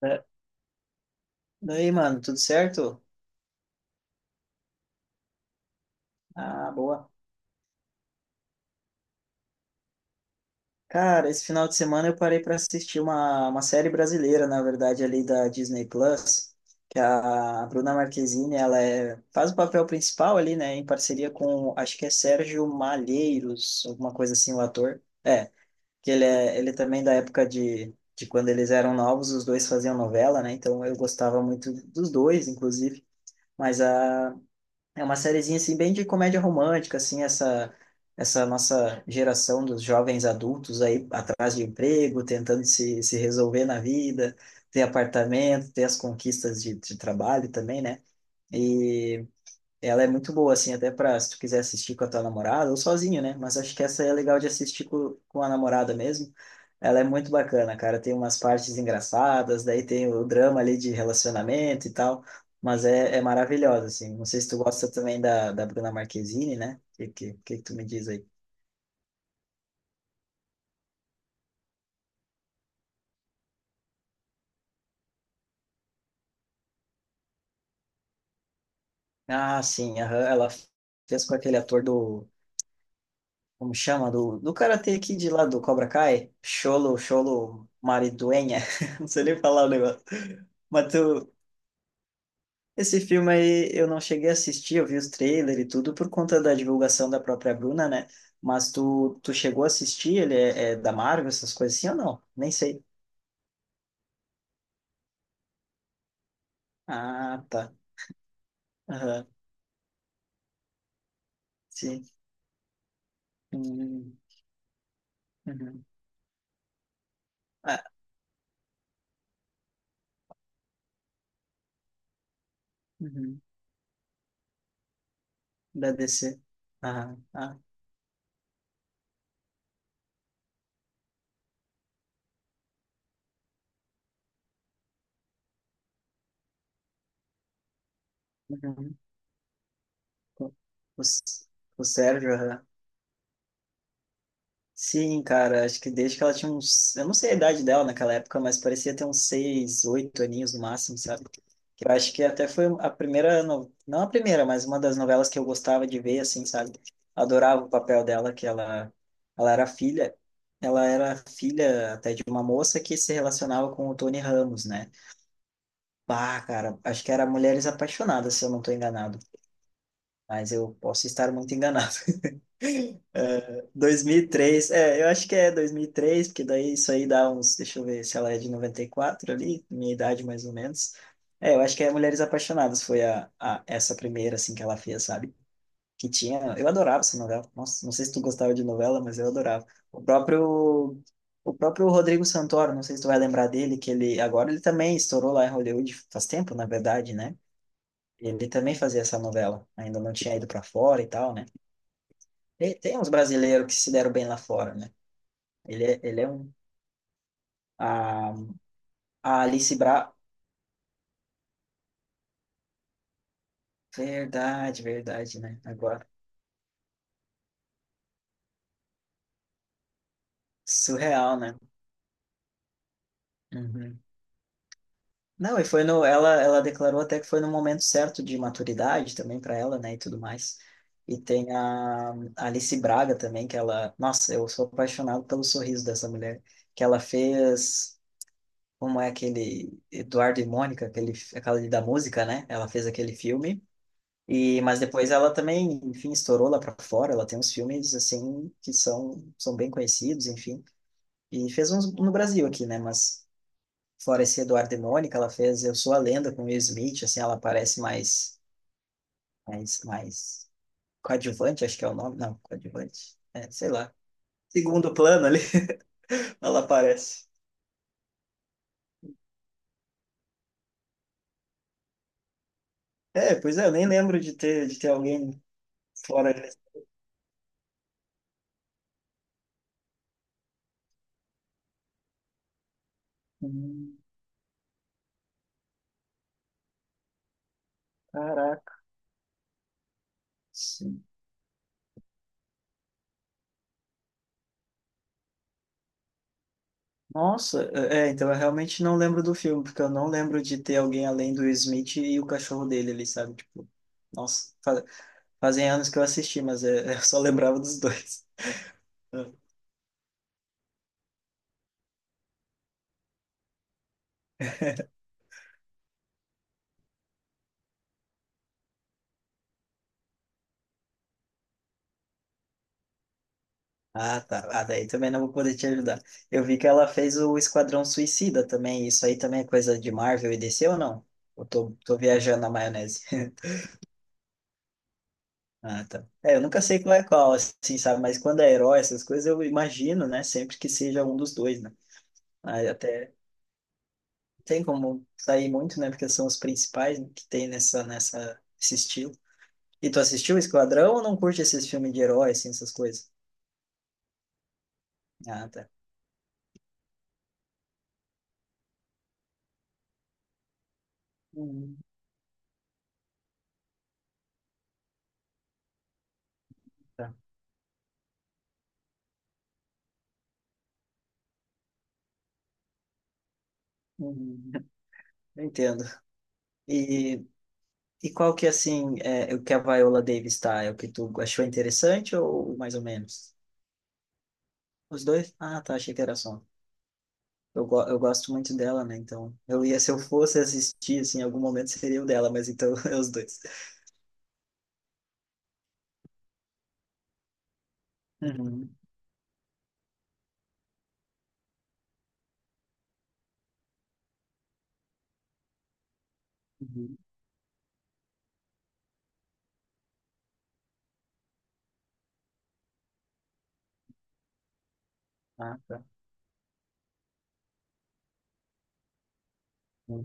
Da- Daí, mano, tudo certo? Ah, boa. Cara, esse final de semana eu parei para assistir uma série brasileira, na verdade, ali da Disney Plus, que a Bruna Marquezine, faz o papel principal ali, né, em parceria com, acho que é Sérgio Malheiros, alguma coisa assim, o ator. Ele é também da época de quando eles eram novos, os dois faziam novela, né, então eu gostava muito dos dois, inclusive. Mas a é uma sériezinha assim bem de comédia romântica, assim, essa nossa geração dos jovens adultos aí atrás de emprego, tentando se resolver na vida, ter apartamento, ter as conquistas de trabalho também, né? E ela é muito boa, assim, até pra se tu quiser assistir com a tua namorada ou sozinho, né? Mas acho que essa é legal de assistir com a namorada mesmo. Ela é muito bacana, cara. Tem umas partes engraçadas, daí tem o drama ali de relacionamento e tal. Mas é maravilhosa, assim. Não sei se tu gosta também da Bruna Marquezine, né? O que tu me diz aí? Ah, sim, aham, ela fez com aquele ator do. Como chama? Do Karate Kid lá do Cobra Kai? Cholo Mariduenha. Não sei nem falar o negócio. Mas tu, Esse filme aí eu não cheguei a assistir, eu vi os trailers e tudo por conta da divulgação da própria Bruna, né? Tu chegou a assistir? É da Marvel, essas coisas assim ou não? Nem sei. Ah, tá. Aham, sim. Hum, uhum. Ah, uhum. Da DC. Ah, ah, uhum. O, o S- o Sérgio, aham. Sim, cara, acho que desde que ela tinha uns. Eu não sei a idade dela naquela época, mas parecia ter uns seis, oito aninhos no máximo, sabe? Que eu acho que até foi a primeira. No... Não a primeira, mas uma das novelas que eu gostava de ver, assim, sabe? Adorava o papel dela, ela era filha. Ela era filha até de uma moça que se relacionava com o Tony Ramos, né? Bah, cara, acho que era Mulheres Apaixonadas, se eu não tô enganado. Mas eu posso estar muito enganado. 2003, é, eu acho que é 2003, porque daí isso aí dá uns, deixa eu ver se ela é de 94 ali, minha idade mais ou menos. É, eu acho que é Mulheres Apaixonadas foi a essa primeira assim que ela fez, sabe? Que tinha, eu adorava essa novela. Nossa, não sei se tu gostava de novela, mas eu adorava. O próprio o próprio Rodrigo Santoro, não sei se tu vai lembrar dele, que ele também estourou lá em Hollywood faz tempo, na verdade, né? Ele também fazia essa novela, ainda não tinha ido para fora e tal, né? E tem uns brasileiros que se deram bem lá fora, né? Ele é um. A, a Alice Bra. Verdade, né? Agora. Surreal, né? Uhum. Não, e foi no. Ela declarou até que foi no momento certo de maturidade também para ela, né? E tudo mais. E tem a Alice Braga também, que ela. Nossa, eu sou apaixonado pelo sorriso dessa mulher. Que ela fez. Como é aquele. Eduardo e Mônica, aquela da música, né? Ela fez aquele filme. E, mas depois ela também, enfim, estourou lá para fora. Ela tem uns filmes, assim, que são bem conhecidos, enfim. E fez uns no Brasil aqui, né? Mas fora esse Eduardo e Mônica, ela fez Eu Sou a Lenda com Will Smith, assim, ela parece mais coadjuvante, acho que é o nome. Não, coadjuvante. É, sei lá. Segundo plano ali, ela aparece. É, pois é, eu nem lembro de ter alguém fora. Desse. Hum, Caraca. Nossa, é, então eu realmente não lembro do filme, porque eu não lembro de ter alguém além do Will Smith e o cachorro dele ali, sabe? Tipo, nossa, fazem anos que eu assisti, mas é, eu só lembrava dos dois. Ah, tá. Ah, daí também não vou poder te ajudar. Eu vi que ela fez o Esquadrão Suicida também. Isso aí também é coisa de Marvel e DC ou não? Tô viajando na maionese. Ah, tá. É, eu nunca sei qual é qual, assim, sabe? Mas quando é herói, essas coisas, eu imagino, né? Sempre que seja um dos dois, né? Aí até tem como sair muito, né? Porque são os principais que tem nessa, esse estilo. E tu assistiu Esquadrão ou não curte esses filmes de herói, assim, essas coisas? Ah, tá. Hum, tá. Hum, eu entendo. E, e qual que, assim, é o que a Viola Davis tá? É o que tu achou interessante ou mais ou menos? Os dois? Ah, tá, achei que era só. Eu gosto muito dela, né? Então, eu ia, se eu fosse assistir, assim, em algum momento seria o dela, mas então é os dois. Uhum, uhum. Ah, tá.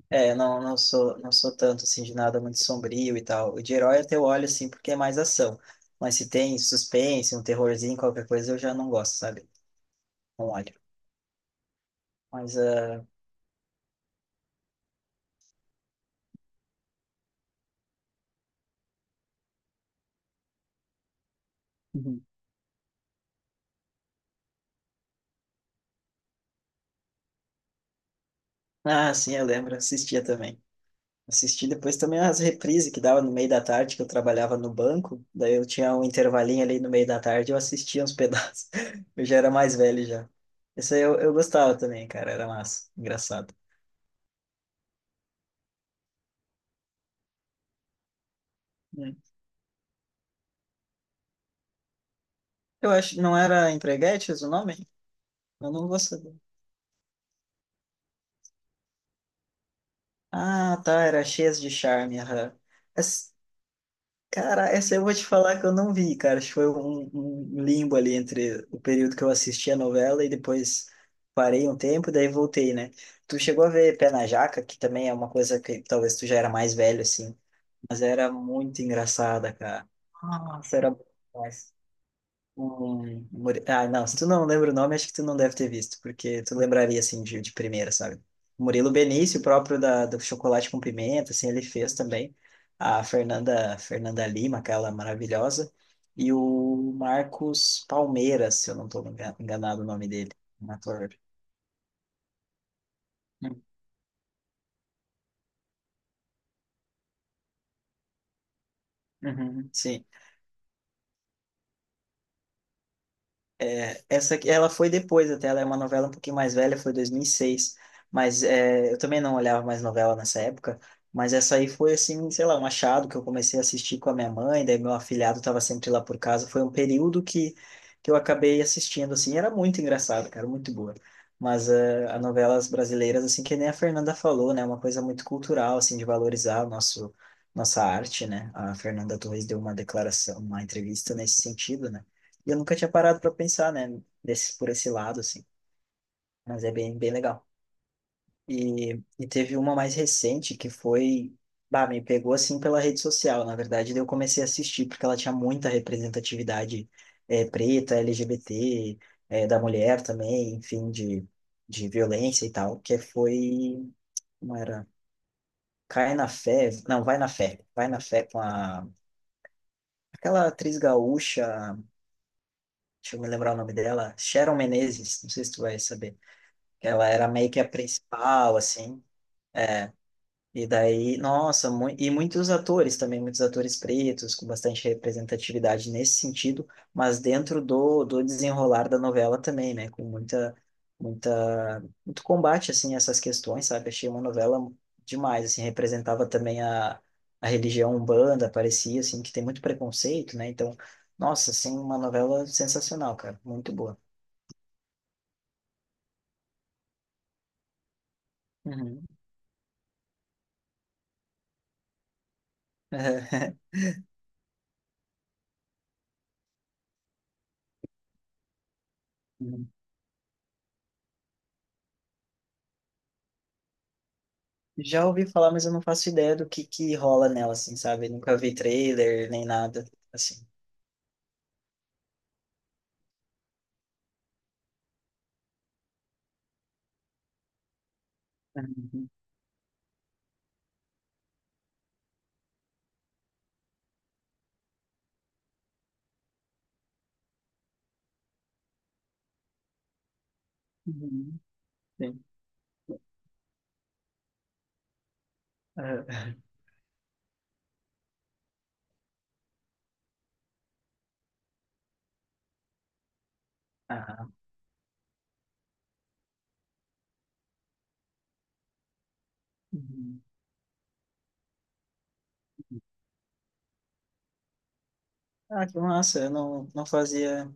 É, não sou, não sou tanto assim de nada muito sombrio e tal. O de herói até eu olho assim porque é mais ação. Mas se tem suspense, um terrorzinho, qualquer coisa, eu já não gosto, sabe? Não olho. Mas, ah, uhum. Ah, sim, eu lembro, assistia também. Assisti depois também as reprises que dava no meio da tarde, que eu trabalhava no banco. Daí eu tinha um intervalinho ali no meio da tarde, eu assistia uns pedaços. Eu já era mais velho já. Isso aí eu gostava também, cara, era massa, engraçado. Hum. Eu acho, não era Empreguetes o nome? Eu não gosto. Ah, tá, era cheias de charme, aham. Essa- cara, essa eu vou te falar que eu não vi, cara. Acho que foi um limbo ali entre o período que eu assisti a novela e depois parei um tempo, daí voltei, né? Tu chegou a ver Pé na Jaca, que também é uma coisa que talvez tu já era mais velho, assim, mas era muito engraçada, cara. Nossa, era bom demais. Um... Muri- Ah, não, se tu não lembra o nome, acho que tu não deve ter visto, porque tu lembraria, assim, de primeira, sabe? Murilo Benício, o próprio do Chocolate com Pimenta, assim, ele fez também. A Fernanda, Fernanda Lima, aquela maravilhosa. E o Marcos Palmeiras, se eu não estou enganado o nome dele, um ator. Uhum, uhum, sim. É, essa aqui, ela foi depois até, ela é uma novela um pouquinho mais velha, foi 2006, mas é, eu também não olhava mais novela nessa época, mas essa aí foi assim, sei lá, um achado que eu comecei a assistir com a minha mãe, daí meu afilhado estava sempre lá por casa, foi um período que eu acabei assistindo, assim, era muito engraçado, cara, muito boa. Mas é, as novelas brasileiras, assim, que nem a Fernanda falou, né, uma coisa muito cultural, assim, de valorizar o nosso, nossa arte, né, a Fernanda Torres deu uma declaração, uma entrevista nesse sentido, né, e eu nunca tinha parado para pensar, né, desse, por esse lado, assim. Mas é bem legal. E teve uma mais recente que foi. Bah, me pegou assim pela rede social, na verdade. Daí eu comecei a assistir, porque ela tinha muita representatividade preta, LGBT, da mulher também, enfim, de violência e tal. Que foi. Não era. Cai na fé. Não, vai na fé. Vai na fé com a. Aquela atriz gaúcha, deixa eu me lembrar o nome dela, Sharon Menezes, não sei se tu vai saber. Ela era meio que a principal, assim. E daí, nossa, mu e muitos atores também, muitos atores pretos, com bastante representatividade nesse sentido, mas dentro do desenrolar da novela também, né? Com muito combate, assim, a essas questões, sabe? Achei uma novela demais, assim, representava também a religião Umbanda, parecia, assim, que tem muito preconceito, né? Então, nossa, assim, uma novela sensacional, cara, muito boa. Uhum. Já ouvi falar, mas eu não faço ideia do que rola nela, assim, sabe? Nunca vi trailer nem nada, assim. Uhum. Uhum. Sim. Ah, ah. Uhum. Ah, que massa, eu não, não fazia,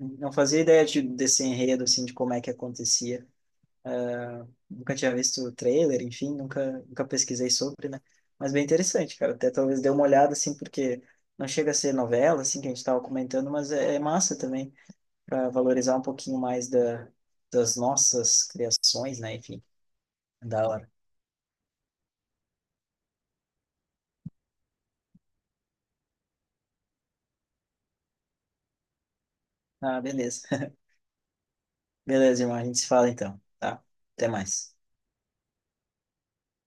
não fazia ideia de, desse enredo, assim, de como é que acontecia. Ah, nunca tinha visto o trailer, enfim, nunca pesquisei sobre, né? Mas bem interessante, cara, até talvez dê uma olhada, assim, porque não chega a ser novela, assim, que a gente estava comentando, mas é, é massa também. Para valorizar um pouquinho mais da, das nossas criações, né? Enfim, da hora. Ah, beleza. Beleza, irmão. A gente se fala então, tá? Até mais.